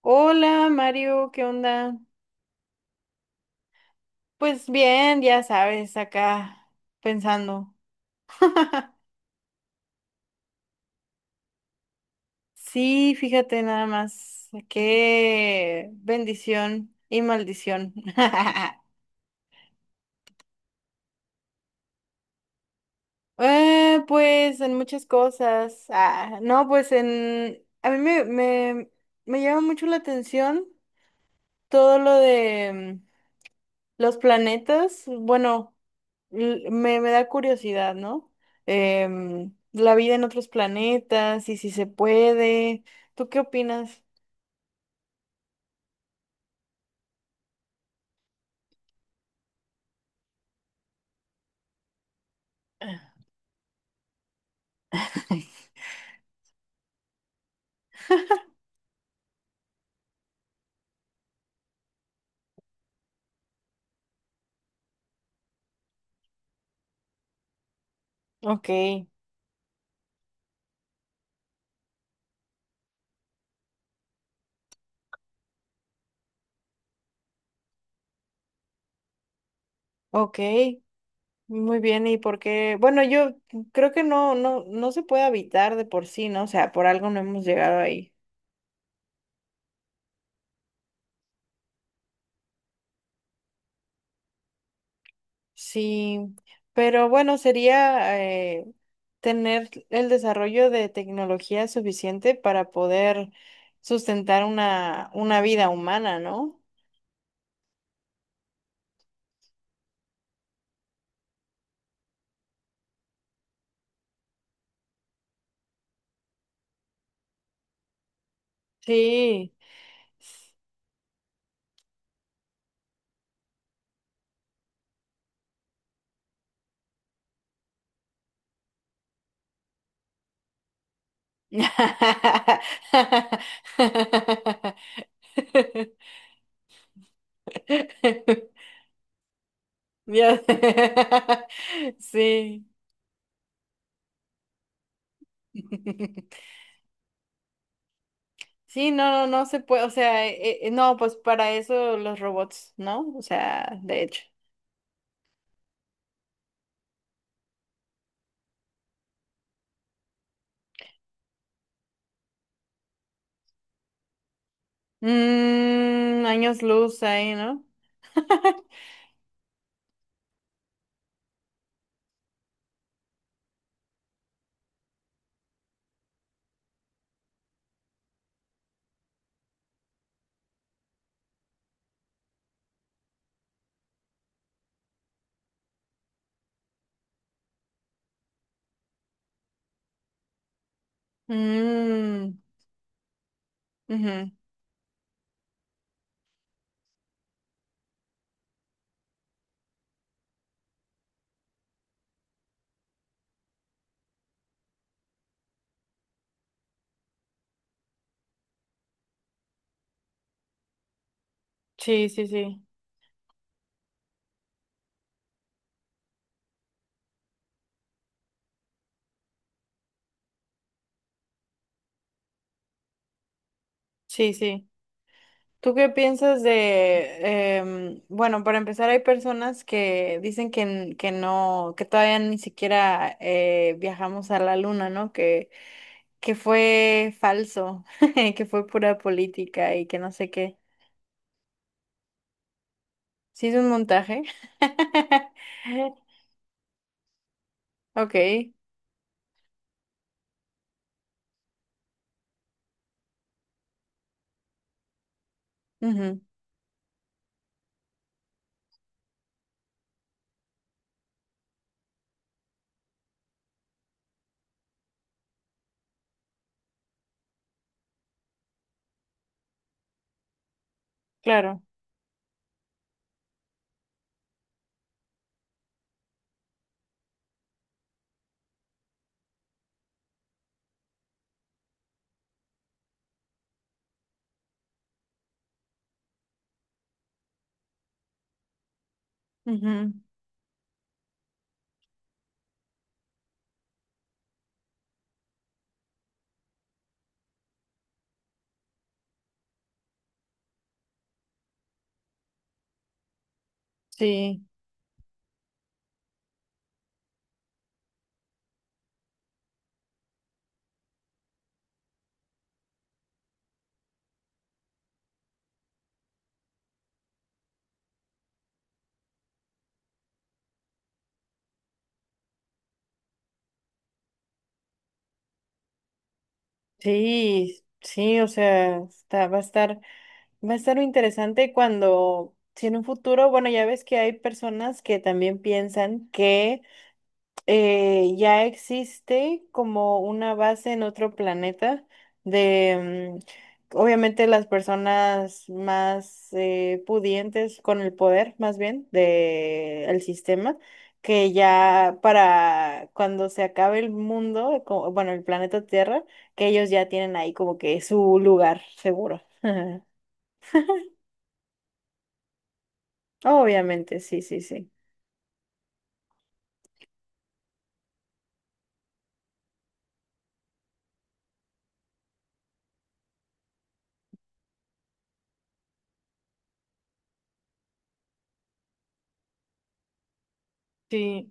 Hola Mario, ¿qué onda? Pues bien, ya sabes, acá pensando. Sí, fíjate nada más, qué bendición y maldición. Pues en muchas cosas. Ah, no, pues en... A mí me llama mucho la atención todo lo de... Los planetas, bueno, me da curiosidad, ¿no? La vida en otros planetas y si se puede. ¿Tú qué opinas? Ok, ok, muy bien. ¿Y por qué? Bueno, yo creo que no, no se puede habitar de por sí, ¿no? O sea, por algo no hemos llegado ahí. Sí, pero bueno, sería tener el desarrollo de tecnología suficiente para poder sustentar una vida humana, ¿no? Sí. Ya- Sí. Sí, no, no, no se puede, o sea, no, pues para eso los robots, ¿no? O sea, de hecho. Mm, años luz ahí, ¿no? Mm, ujú. Sí, sí, sí, sí, sí. ¿Tú qué piensas de, bueno, para empezar, hay personas que dicen que, que no, que todavía ni siquiera viajamos a la luna, ¿no? Que fue falso, que fue pura política y que no sé qué. ¿Sí es un montaje? Ok, ujú, claro, ujú, sí. Sí, sí, o sea, va a estar va a estar interesante cuando, si en un futuro, bueno, ya ves que hay personas que también piensan que ya existe como una base en otro planeta de, mm, obviamente las personas más pudientes con el poder, más bien, de el sistema, que ya para cuando se acabe el mundo, bueno, el planeta Tierra, que ellos ya tienen ahí como que su lugar seguro. Obviamente, sí, sí, sí. Sí,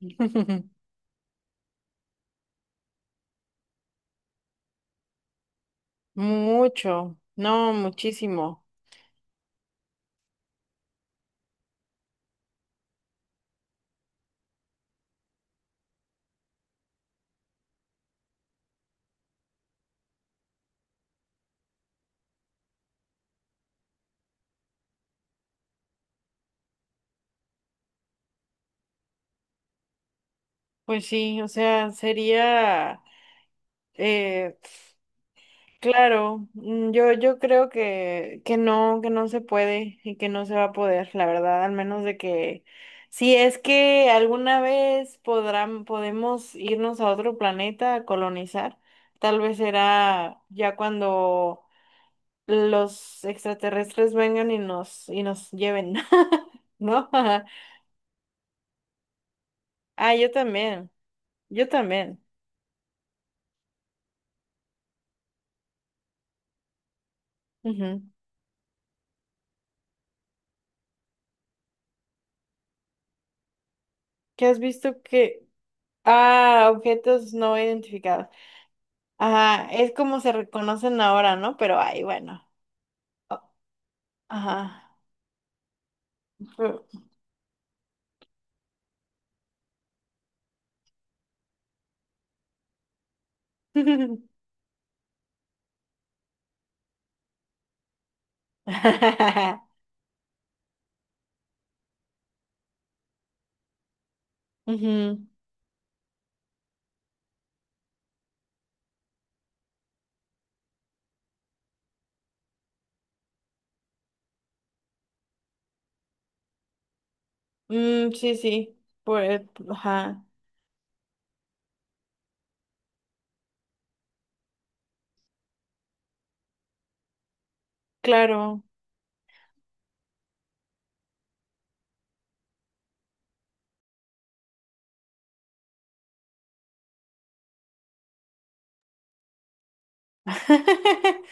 mucho, no, muchísimo. Pues sí, o sea, sería, eh, claro, mm, yo creo que no se puede y que no se va a poder, la verdad, al menos de que, si es que alguna vez podrán, podemos irnos a otro planeta a colonizar, tal vez será ya cuando los extraterrestres vengan y nos lleven, ¿no? Ah, yo también, yo también. Ujú. ¿Qué has visto que... Ah, objetos no identificados. Ajá, es como se reconocen ahora, ¿no? Pero ay, bueno. O- Ajá. Pero- Ujú. Mm, sí, sí. Pues, ajá. Claro.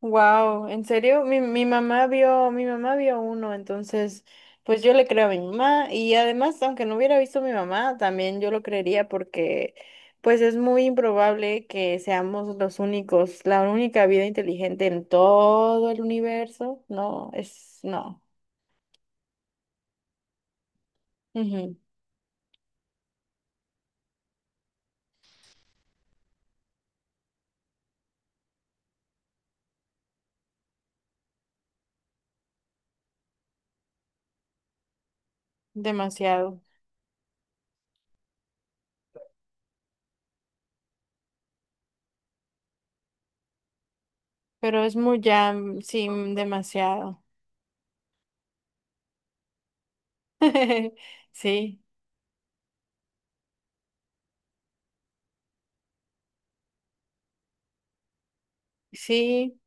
Wow, ¿en serio? Mi mamá vio, mi mamá vio uno, entonces, pues yo le creo a mi mamá y además, aunque no hubiera visto a mi mamá, también yo lo creería porque, pues es muy improbable que seamos los únicos, la única vida inteligente en todo el universo. No, es, no, ujú, demasiado, pero es muy ya, mm, sí, mm, demasiado. Sí, sí.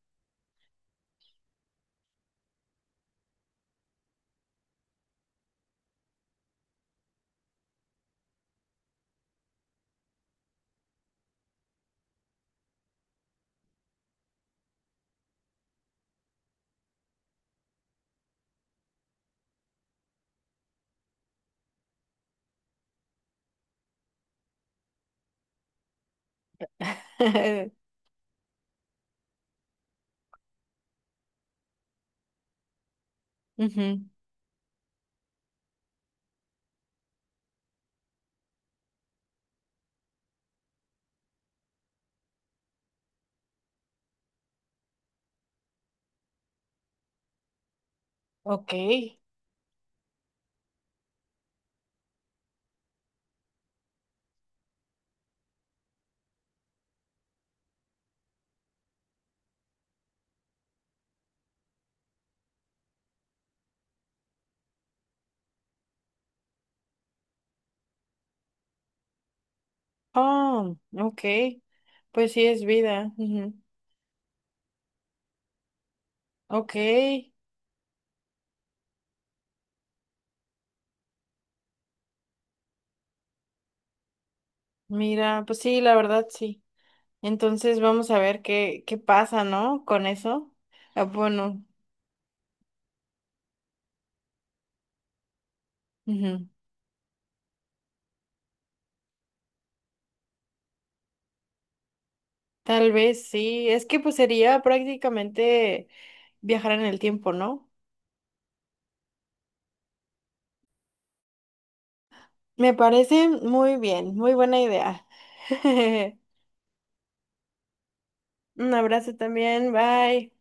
Ujú, ok. Oh, ok. Pues sí es vida. Ujú. Ok. Mira, pues sí, la verdad sí. Entonces vamos a ver qué, qué pasa, ¿no? Con eso. Ah, bueno, ujú. Tal vez sí. Es que pues sería prácticamente viajar en el tiempo, ¿no? Me parece muy bien, muy buena idea. Un abrazo también, bye.